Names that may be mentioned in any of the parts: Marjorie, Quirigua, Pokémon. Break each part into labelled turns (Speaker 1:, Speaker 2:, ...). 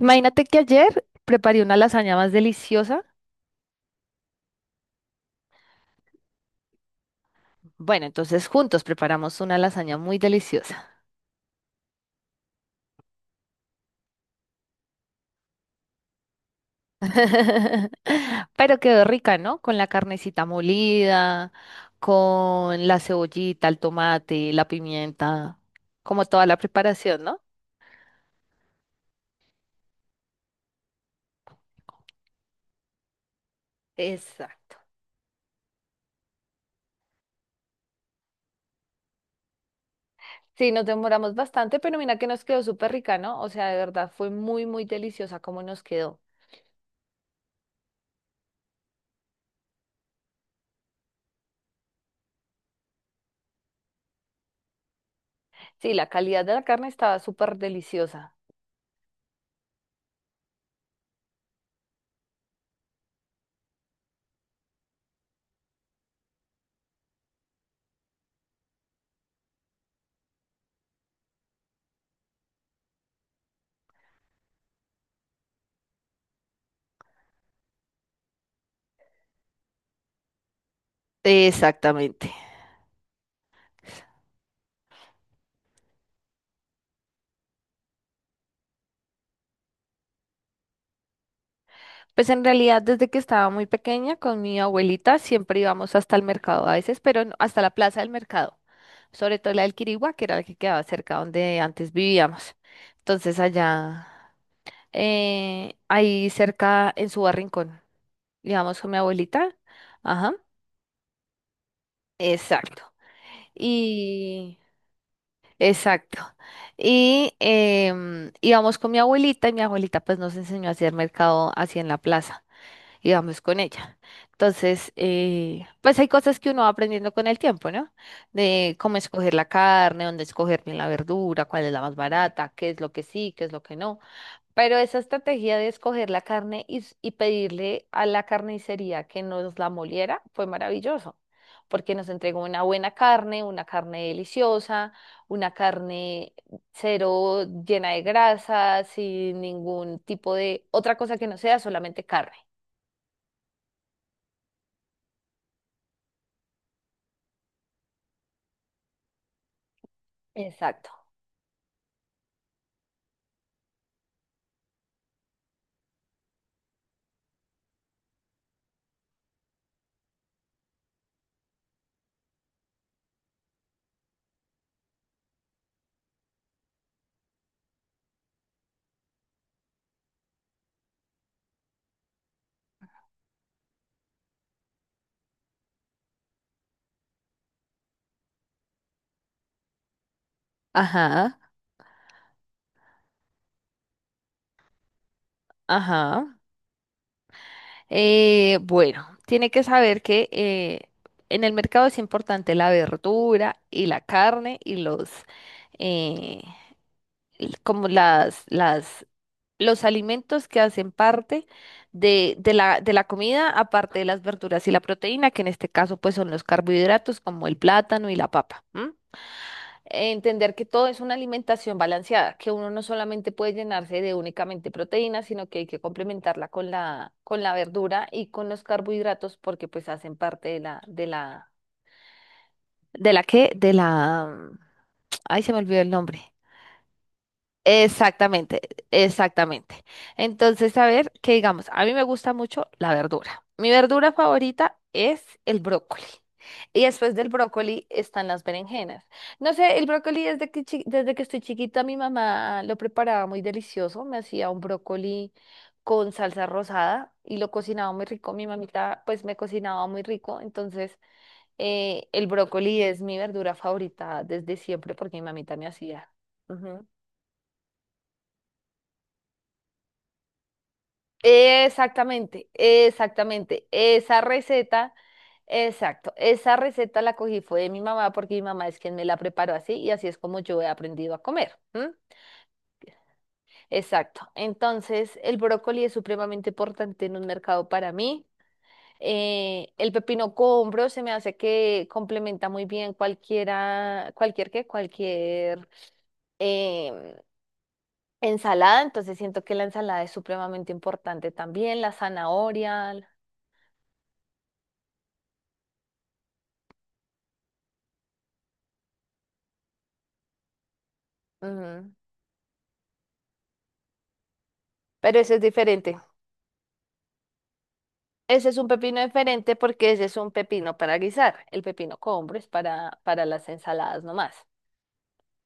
Speaker 1: Imagínate que ayer preparé una lasaña más deliciosa. Bueno, entonces juntos preparamos una lasaña muy deliciosa. Pero quedó rica, ¿no? Con la carnecita molida, con la cebollita, el tomate, la pimienta, como toda la preparación, ¿no? Exacto. Sí, nos demoramos bastante, pero mira que nos quedó súper rica, ¿no? O sea, de verdad fue muy, muy deliciosa como nos quedó. Sí, la calidad de la carne estaba súper deliciosa. Exactamente. Pues en realidad desde que estaba muy pequeña con mi abuelita siempre íbamos hasta el mercado a veces, pero hasta la plaza del mercado, sobre todo la del Quirigua, que era la que quedaba cerca donde antes vivíamos. Entonces allá, ahí cerca en su barrincón, íbamos con mi abuelita. Ajá, exacto. Y, exacto. Y íbamos con mi abuelita y mi abuelita pues nos enseñó a hacer mercado así en la plaza. Y vamos con ella. Entonces, pues hay cosas que uno va aprendiendo con el tiempo, ¿no? De cómo escoger la carne, dónde escoger bien la verdura, cuál es la más barata, qué es lo que sí, qué es lo que no. Pero esa estrategia de escoger la carne y pedirle a la carnicería que nos la moliera fue maravilloso, porque nos entregó una buena carne, una carne deliciosa, una carne cero llena de grasa, sin ningún tipo de otra cosa que no sea solamente carne. Exacto. Ajá, ajá. Bueno, tiene que saber que en el mercado es importante la verdura y la carne y los eh, el- como las, las, los alimentos que hacen parte de la comida, aparte de las verduras y la proteína, que en este caso pues son los carbohidratos como el plátano y la papa. ¿M? Entender que todo es una alimentación balanceada, que uno no solamente puede llenarse de únicamente proteínas, sino que hay que complementarla con la verdura y con los carbohidratos porque pues hacen parte de la. ¿De la qué? De la... Ay, se me olvidó el nombre. Exactamente, exactamente. Entonces, a ver, que digamos, a mí me gusta mucho la verdura. Mi verdura favorita es el brócoli. Y después del brócoli están las berenjenas. No sé, el brócoli desde desde que estoy chiquita, mi mamá lo preparaba muy delicioso. Me hacía un brócoli con salsa rosada y lo cocinaba muy rico. Mi mamita, pues, me cocinaba muy rico. Entonces, el brócoli es mi verdura favorita desde siempre porque mi mamita me hacía. Exactamente, exactamente. Esa receta, exacto, esa receta la cogí fue de mi mamá porque mi mamá es quien me la preparó así y así es como yo he aprendido a comer. ¿M? Exacto. Entonces, el brócoli es supremamente importante en un mercado para mí. El pepino combro se me hace que complementa muy bien cualquier em, ensalada. Entonces, siento que la ensalada es supremamente importante también, la zanahoria. Ujú. Pero ese es diferente. Ese es un pepino diferente porque ese es un pepino para guisar. El pepino combro es para las ensaladas nomás.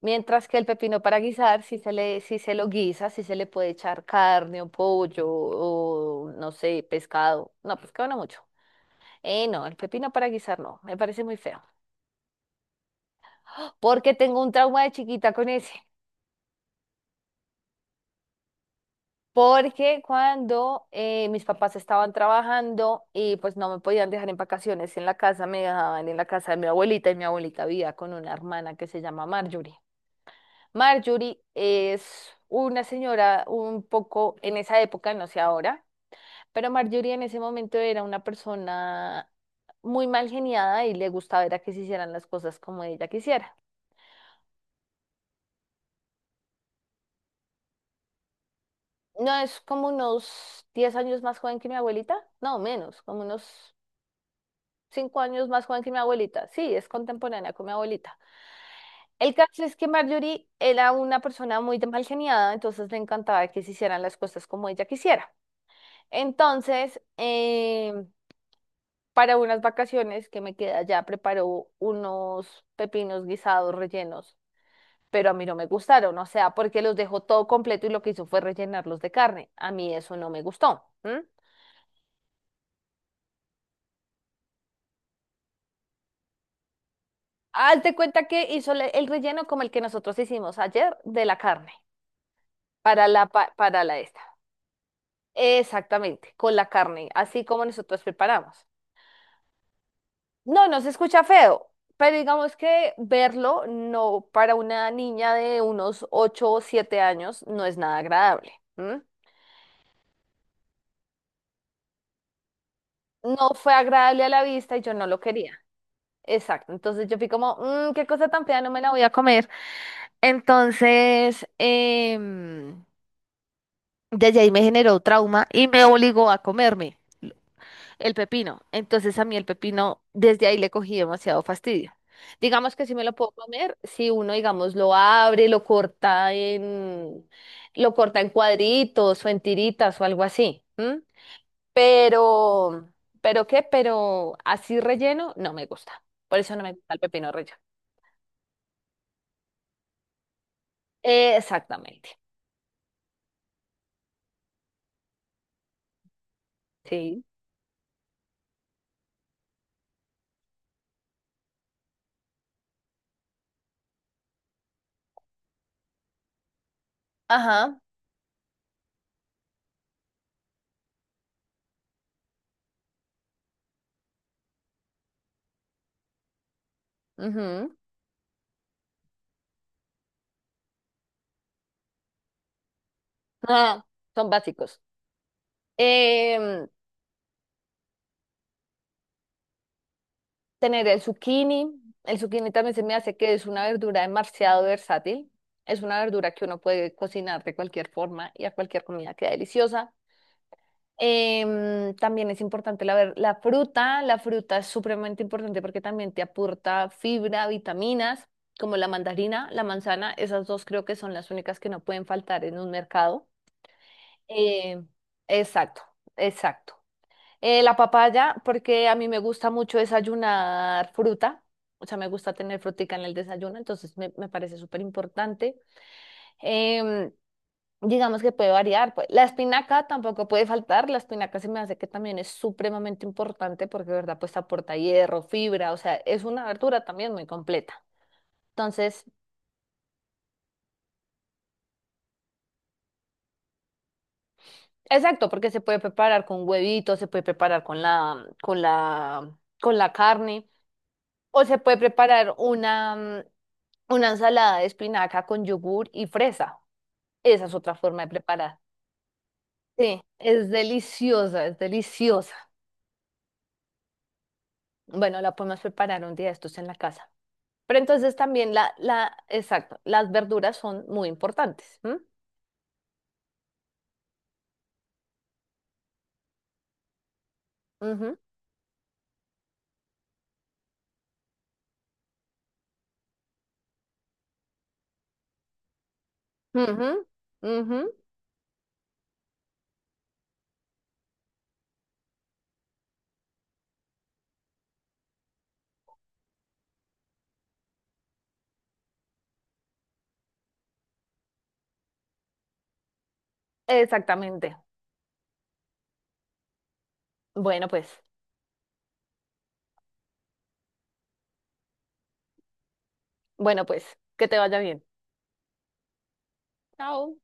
Speaker 1: Mientras que el pepino para guisar, si se le, si se lo guisa, si se le puede echar carne o pollo o no sé, pescado. No, pescado no mucho. No, el pepino para guisar no, me parece muy feo. Porque tengo un trauma de chiquita con ese. Porque cuando mis papás estaban trabajando y pues no me podían dejar en vacaciones en la casa, me dejaban en la casa de mi abuelita y mi abuelita vivía con una hermana que se llama Marjorie. Marjorie es una señora un poco en esa época, no sé ahora, pero Marjorie en ese momento era una persona muy mal geniada y le gustaba era que se hicieran las cosas como ella quisiera. No es como unos 10 años más joven que mi abuelita, no menos, como unos 5 años más joven que mi abuelita. Sí, es contemporánea con mi abuelita. El caso es que Marjorie era una persona muy de mal geniada, entonces le encantaba que se hicieran las cosas como ella quisiera. Entonces, para unas vacaciones que me quedé allá, preparó unos pepinos guisados rellenos, pero a mí no me gustaron, o sea, porque los dejó todo completo y lo que hizo fue rellenarlos de carne. A mí eso no me gustó. ¿M? Hazte cuenta que hizo el relleno como el que nosotros hicimos ayer de la carne. Para la esta. Exactamente, con la carne, así como nosotros preparamos. No, no se escucha feo, pero digamos que verlo no para una niña de unos ocho o 7 años no es nada agradable. ¿M? No fue agradable a la vista y yo no lo quería. Exacto, entonces yo fui como: "Mm, qué cosa tan fea, no me la voy a comer". Entonces, desde ahí me generó trauma y me obligó a comerme. El pepino. Entonces a mí el pepino, desde ahí le cogí demasiado fastidio. Digamos que si me lo puedo comer, si uno, digamos, lo abre, lo corta en cuadritos o en tiritas o algo así. ¿M? Pero, ¿Pero qué? Pero así relleno no me gusta. Por eso no me gusta el pepino relleno. Exactamente. Sí. Ajá. Ujú. Ah, son básicos. Em, tener el zucchini. El zucchini también se me hace que es una verdura demasiado versátil. Es una verdura que uno puede cocinar de cualquier forma y a cualquier comida queda deliciosa. También es importante la fruta. La fruta es supremamente importante porque también te aporta fibra, vitaminas, como la mandarina, la manzana. Esas dos creo que son las únicas que no pueden faltar en un mercado. Eh, exacto, exacto. La papaya, porque a mí me gusta mucho desayunar fruta, o sea, me gusta tener frutica en el desayuno, entonces me parece súper importante. Em, digamos que puede variar, pues. La espinaca tampoco puede faltar, la espinaca se me hace que también es supremamente importante porque, de verdad, pues aporta hierro, fibra, o sea, es una verdura también muy completa. Entonces, exacto, porque se puede preparar con huevito, se puede preparar con la carne. O se puede preparar una ensalada de espinaca con yogur y fresa. Esa es otra forma de preparar. Sí, es deliciosa, es deliciosa. Bueno, la podemos preparar un día de estos en la casa. Pero entonces también exacto, las verduras son muy importantes. ¿M? Ujú, ujú, ujú, exactamente. Bueno, pues, bueno, pues, que te vaya bien. Chao.